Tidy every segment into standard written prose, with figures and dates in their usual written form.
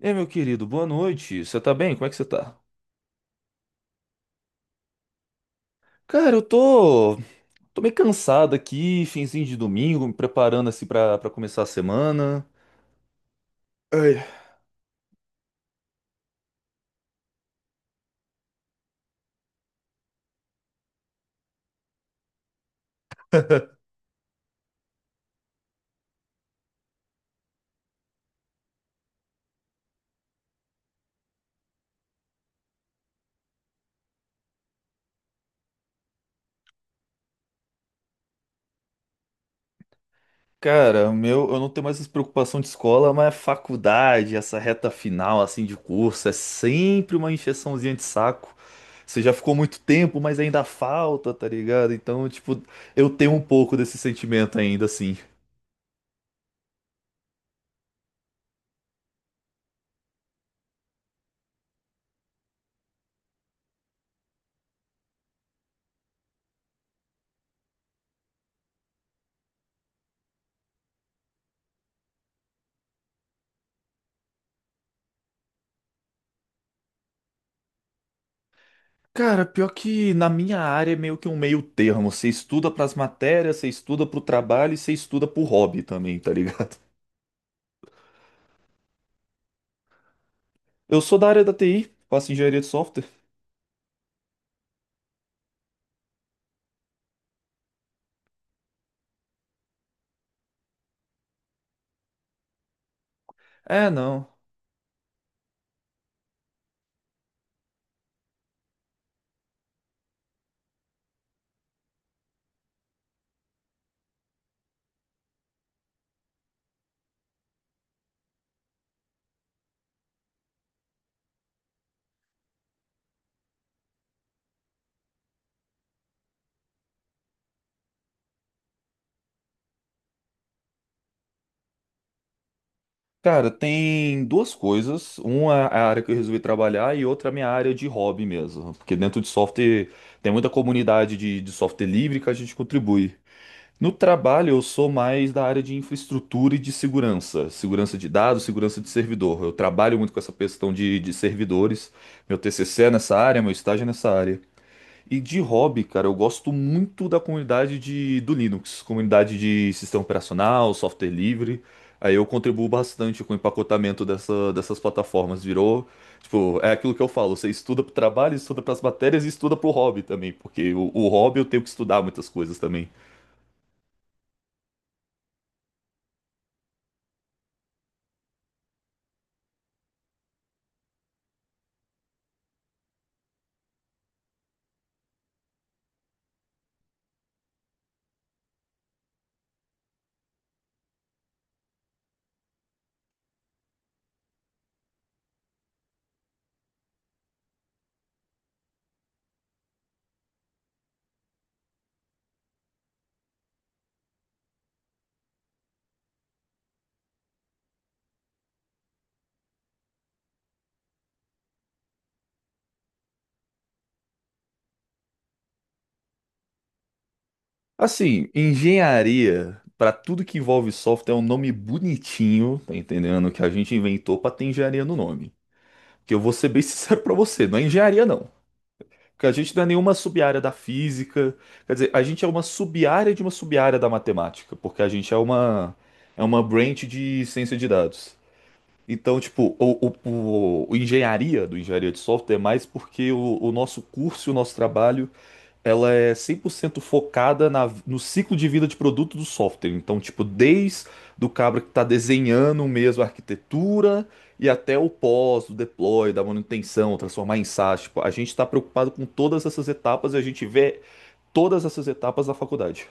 Ei, meu querido, boa noite. Você tá bem? Como é que você tá? Cara, eu tô meio cansado aqui, finzinho de domingo, me preparando assim pra começar a semana. Ai, cara, o meu, eu não tenho mais essa preocupação de escola, mas a faculdade, essa reta final assim de curso, é sempre uma encheçãozinha de saco. Você já ficou muito tempo, mas ainda falta, tá ligado? Então, tipo, eu tenho um pouco desse sentimento ainda assim. Cara, pior que na minha área é meio que um meio termo. Você estuda pras matérias, você estuda pro trabalho e você estuda pro hobby também, tá ligado? Eu sou da área da TI, faço engenharia de software. É, não. Cara, tem duas coisas. Uma é a área que eu resolvi trabalhar e outra é a minha área de hobby mesmo. Porque dentro de software tem muita comunidade de software livre que a gente contribui. No trabalho, eu sou mais da área de infraestrutura e de segurança. Segurança de dados, segurança de servidor. Eu trabalho muito com essa questão de servidores. Meu TCC é nessa área, meu estágio é nessa área. E de hobby, cara, eu gosto muito da comunidade de, do Linux, comunidade de sistema operacional, software livre. Aí eu contribuo bastante com o empacotamento dessas plataformas. Virou, tipo, é aquilo que eu falo, você estuda pro trabalho, estuda pras matérias e estuda pro hobby também, porque o hobby eu tenho que estudar muitas coisas também. Assim, engenharia, para tudo que envolve software, é um nome bonitinho, tá entendendo? Que a gente inventou pra ter engenharia no nome. Que eu vou ser bem sincero pra você, não é engenharia não. Que a gente não é nenhuma sub-área da física, quer dizer, a gente é uma sub-área de uma sub-área da matemática, porque a gente é uma branch de ciência de dados. Então, tipo, o engenharia do engenharia de software é mais porque o nosso curso, e o nosso trabalho, ela é 100% focada no ciclo de vida de produto do software. Então, tipo, desde do cabra que está desenhando mesmo a arquitetura e até o pós, do deploy, da manutenção, transformar em SaaS. Tipo, a gente está preocupado com todas essas etapas e a gente vê todas essas etapas da faculdade.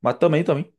Mas também, também.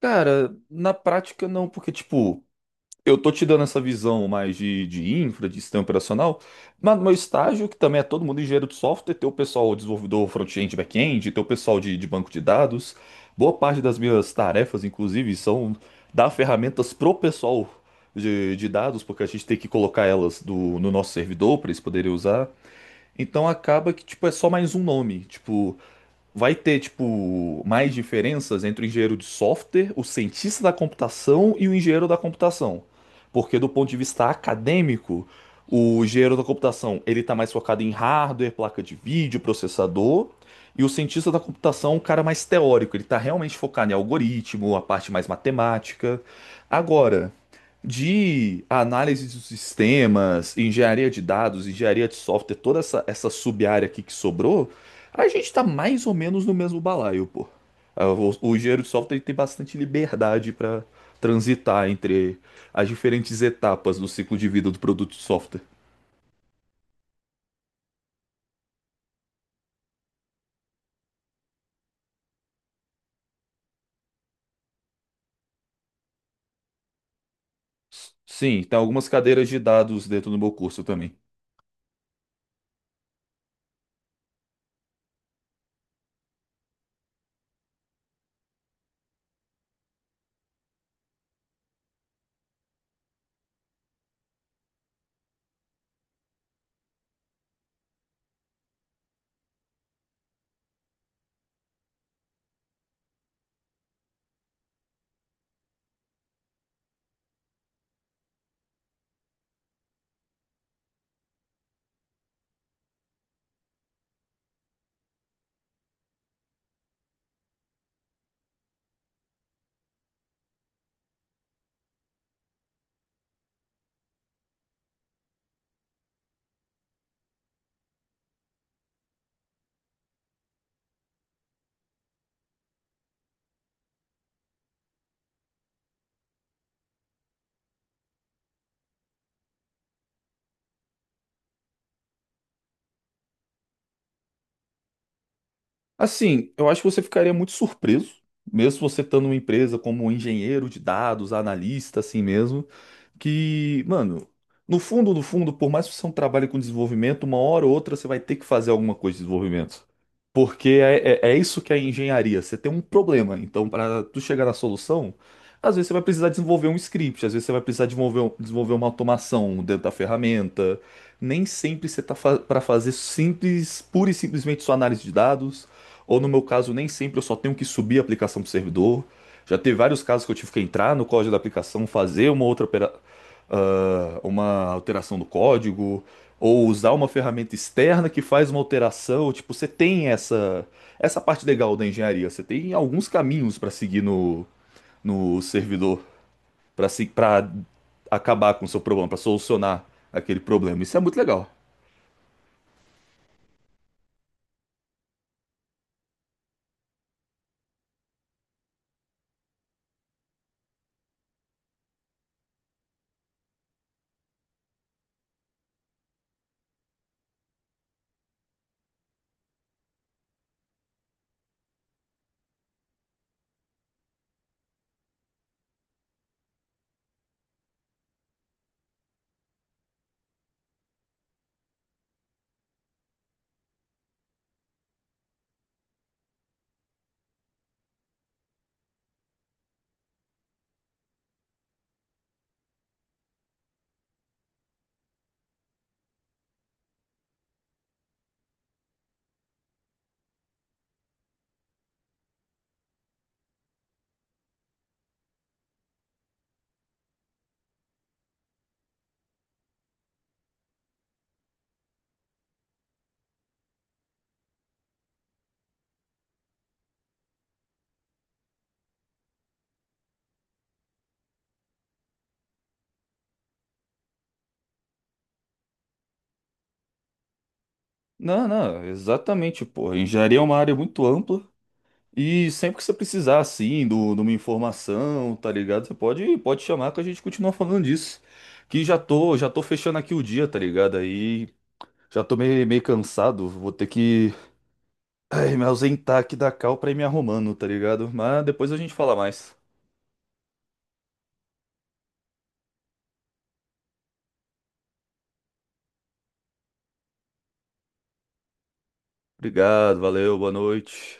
Cara, na prática não, porque, tipo. Eu tô te dando essa visão mais de infra, de sistema operacional, mas no meu estágio, que também é todo mundo engenheiro de software, tem o pessoal desenvolvedor front-end, back-end, tem o pessoal de banco de dados. Boa parte das minhas tarefas, inclusive, são dar ferramentas pro pessoal de dados, porque a gente tem que colocar elas no nosso servidor para eles poderem usar. Então acaba que, tipo, é só mais um nome. Tipo, vai ter, tipo, mais diferenças entre o engenheiro de software, o cientista da computação e o engenheiro da computação. Porque do ponto de vista acadêmico, o engenheiro da computação, ele tá mais focado em hardware, placa de vídeo, processador, e o cientista da computação, é um cara mais teórico, ele tá realmente focado em algoritmo, a parte mais matemática. Agora, de análise de sistemas, engenharia de dados, engenharia de software, toda essa sub-área aqui que sobrou, a gente tá mais ou menos no mesmo balaio, pô. Ah, o engenheiro de software ele tem bastante liberdade para transitar entre as diferentes etapas do ciclo de vida do produto de software. Sim, tem algumas cadeiras de dados dentro do meu curso também. Assim, eu acho que você ficaria muito surpreso, mesmo você estando numa empresa como um engenheiro de dados, analista, assim mesmo. Que, mano, no fundo, no fundo, por mais que você não trabalhe com desenvolvimento, uma hora ou outra você vai ter que fazer alguma coisa de desenvolvimento. Porque é isso que é engenharia. Você tem um problema, então para tu chegar na solução, às vezes você vai precisar desenvolver um script, às vezes você vai precisar desenvolver uma automação dentro da ferramenta. Nem sempre você tá fa para fazer simples, pura e simplesmente sua análise de dados. Ou no meu caso, nem sempre eu só tenho que subir a aplicação para o servidor. Já teve vários casos que eu tive que entrar no código da aplicação, fazer uma outra opera- ah, uma alteração do código, ou usar uma ferramenta externa que faz uma alteração. Tipo, você tem essa, essa parte legal da engenharia, você tem alguns caminhos para seguir no, no servidor, para se, para acabar com o seu problema, para solucionar aquele problema. Isso é muito legal. Não, não, exatamente, pô. Engenharia é uma área muito ampla. E sempre que você precisar, assim, do, de uma informação, tá ligado? Você pode chamar que a gente continua falando disso. Que já tô fechando aqui o dia, tá ligado? Aí já tô meio cansado. Vou ter que, ai, me ausentar aqui da cal pra ir me arrumando, tá ligado? Mas depois a gente fala mais. Obrigado, valeu, boa noite.